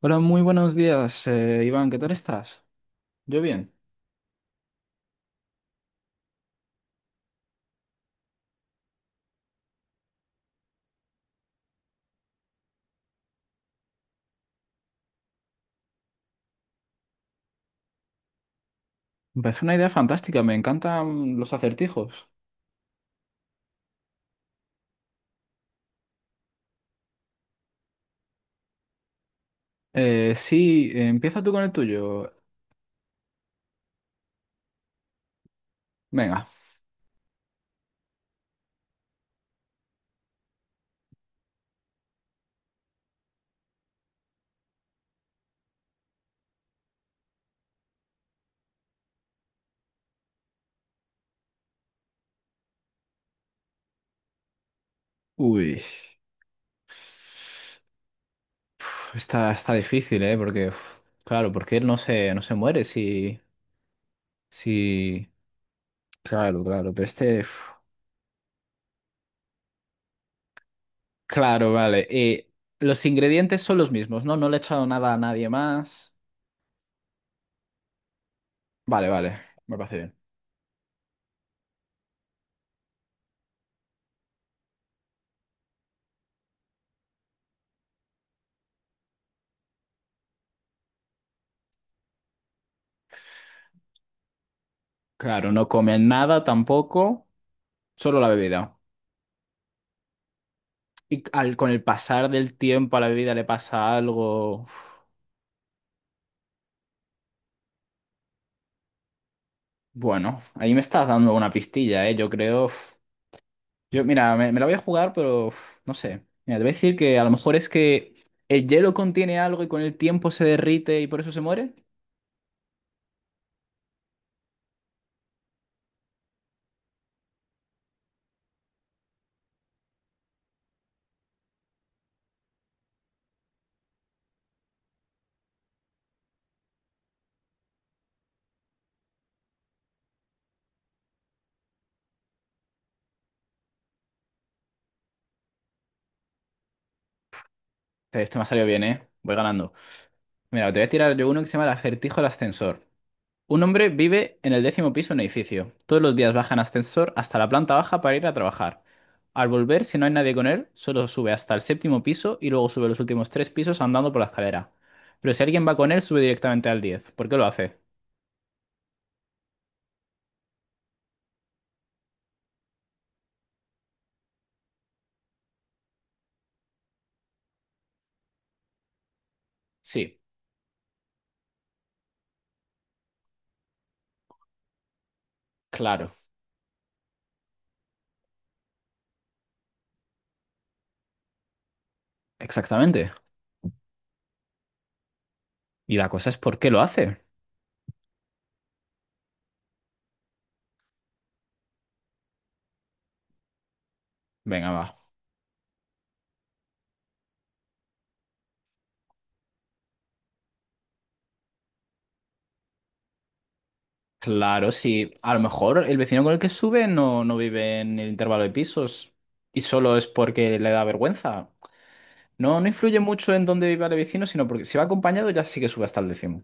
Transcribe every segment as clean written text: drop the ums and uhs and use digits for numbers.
Hola, muy buenos días, Iván, ¿qué tal estás? Yo bien. Me parece una idea fantástica, me encantan los acertijos. Sí, empieza tú con el tuyo. Venga. Uy. Uf, Está difícil, ¿eh? Porque, uf, claro, porque él no se muere si, si... Claro, claro, pero este... uf. Claro, vale. Los ingredientes son los mismos, ¿no? No le he echado nada a nadie más. Vale, vale, me parece bien. Claro, no comen nada tampoco, solo la bebida. Y al, con el pasar del tiempo a la bebida le pasa algo. Uf, bueno, ahí me estás dando una pistilla, ¿eh? Yo creo. Yo, mira, me la voy a jugar, pero no sé. Mira, te voy a decir que a lo mejor es que el hielo contiene algo y con el tiempo se derrite y por eso se muere. Este me ha salido bien, ¿eh? Voy ganando. Mira, te voy a tirar yo uno que se llama el acertijo del ascensor. Un hombre vive en el décimo piso de un edificio. Todos los días baja en ascensor hasta la planta baja para ir a trabajar. Al volver, si no hay nadie con él, solo sube hasta el séptimo piso y luego sube los últimos tres pisos andando por la escalera. Pero si alguien va con él, sube directamente al diez. ¿Por qué lo hace? Sí, claro. Exactamente. Y la cosa es, ¿por qué lo hace? Venga, va. Claro, sí. A lo mejor el vecino con el que sube no vive en el intervalo de pisos y solo es porque le da vergüenza. No, no influye mucho en dónde viva el vecino, sino porque si va acompañado ya sí que sube hasta el décimo.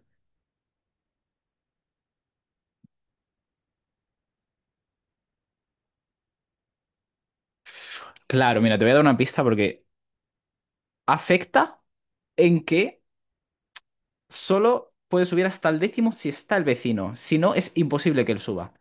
Claro, mira, te voy a dar una pista porque afecta en que solo puede subir hasta el décimo si está el vecino. Si no, es imposible que él suba.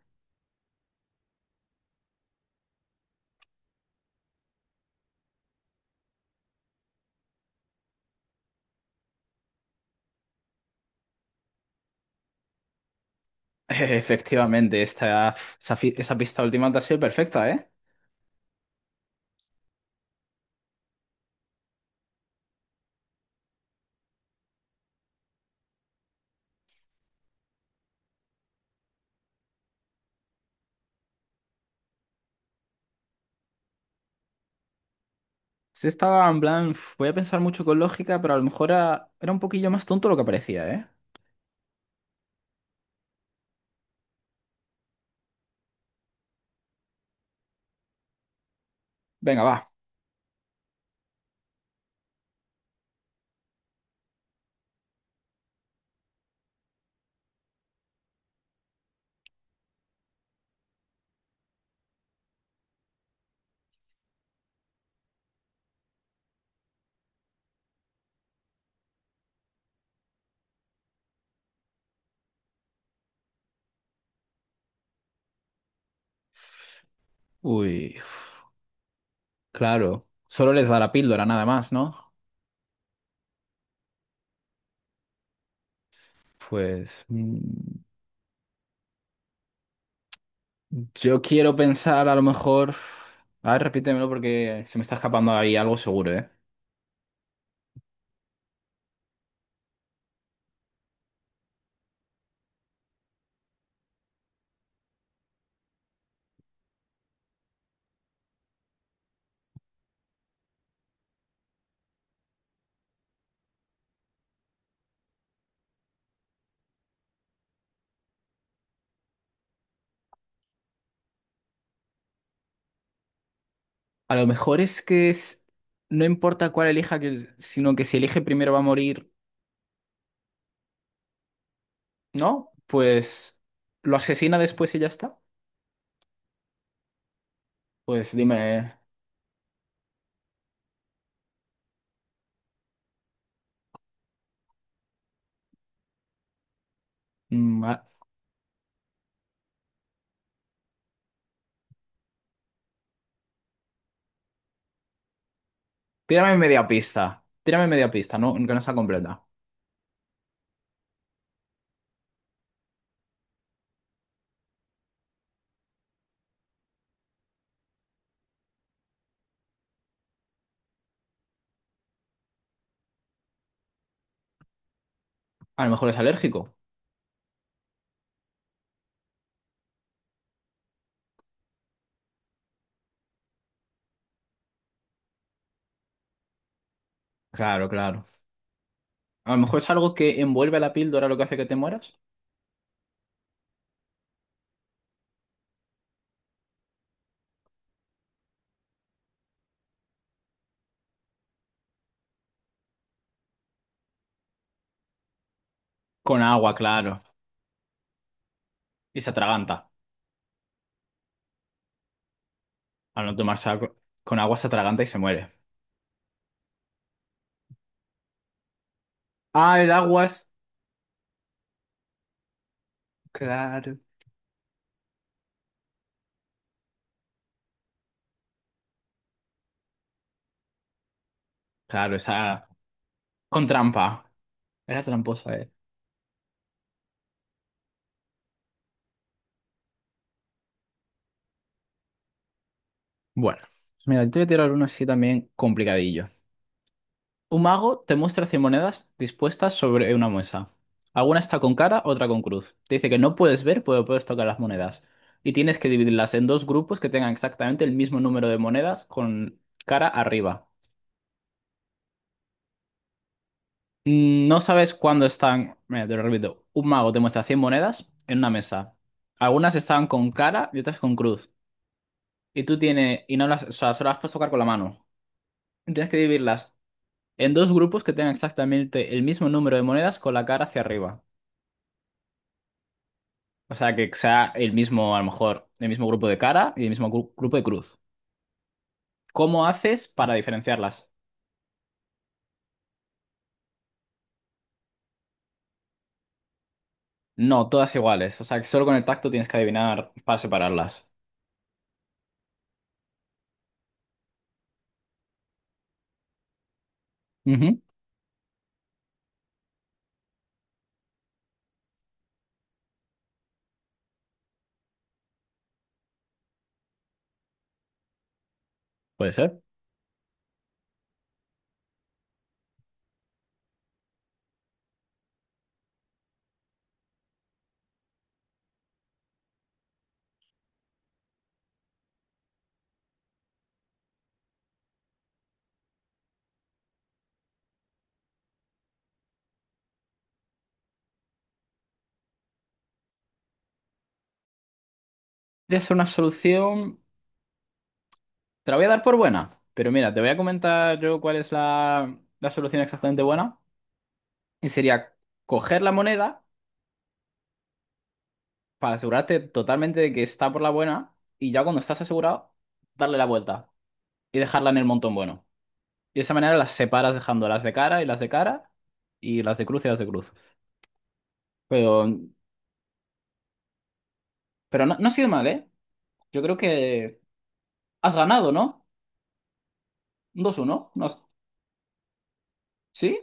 Efectivamente, esa pista última te ha sido perfecta, ¿eh? Sí, estaba en plan, "Uf, voy a pensar mucho con lógica, pero a lo mejor era un poquillo más tonto lo que parecía", ¿eh? Venga, va. Uy, claro. Solo les da la píldora, nada más, ¿no? Pues... yo quiero pensar a lo mejor... A ver, repítemelo porque se me está escapando ahí algo seguro, ¿eh? A lo mejor es que es... no importa cuál elija, que... sino que si elige primero va a morir, ¿no? Pues lo asesina después y ya está. Pues dime... mm, a- Tírame media pista. Tírame media pista, ¿no? Que no está completa. A lo mejor es alérgico. Claro, claro. A lo mejor es algo que envuelve a la píldora lo que hace que te mueras. Con agua, claro. Y se atraganta. Al no tomarse algo, con agua se atraganta y se muere. Ah, el aguas. Claro. Claro, esa. Con trampa. Era tramposa, eh. Bueno, pues mira, yo te voy a tirar uno así también complicadillo. Un mago te muestra 100 monedas dispuestas sobre una mesa. Alguna está con cara, otra con cruz. Te dice que no puedes ver, pero puedes tocar las monedas. Y tienes que dividirlas en dos grupos que tengan exactamente el mismo número de monedas con cara arriba. Mm, no sabes cuándo están. Mira, te lo repito. Un mago te muestra 100 monedas en una mesa. Algunas están con cara y otras con cruz. Y tú tienes, y no las, o sea, solo las puedes tocar con la mano. Tienes que dividirlas en dos grupos que tengan exactamente el mismo número de monedas con la cara hacia arriba. O sea, que sea el mismo, a lo mejor, el mismo grupo de cara y el mismo grupo de cruz. ¿Cómo haces para diferenciarlas? No, todas iguales. O sea, que solo con el tacto tienes que adivinar para separarlas. Ujú, puede ser. Podría ser una solución. Te la voy a dar por buena. Pero mira, te voy a comentar yo cuál es la solución exactamente buena. Y sería coger la moneda para asegurarte totalmente de que está por la buena y ya cuando estás asegurado, darle la vuelta y dejarla en el montón bueno. Y de esa manera las separas dejando las de cara y las de cara y las de cruz y las de cruz. Pero, pero no, no ha sido mal, ¿eh? Yo creo que has ganado, ¿no? Un 2-1, ¿no? has- ¿Sí?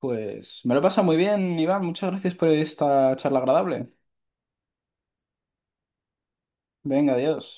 Pues me lo he pasado muy bien, Iván. Muchas gracias por esta charla agradable. Venga, adiós.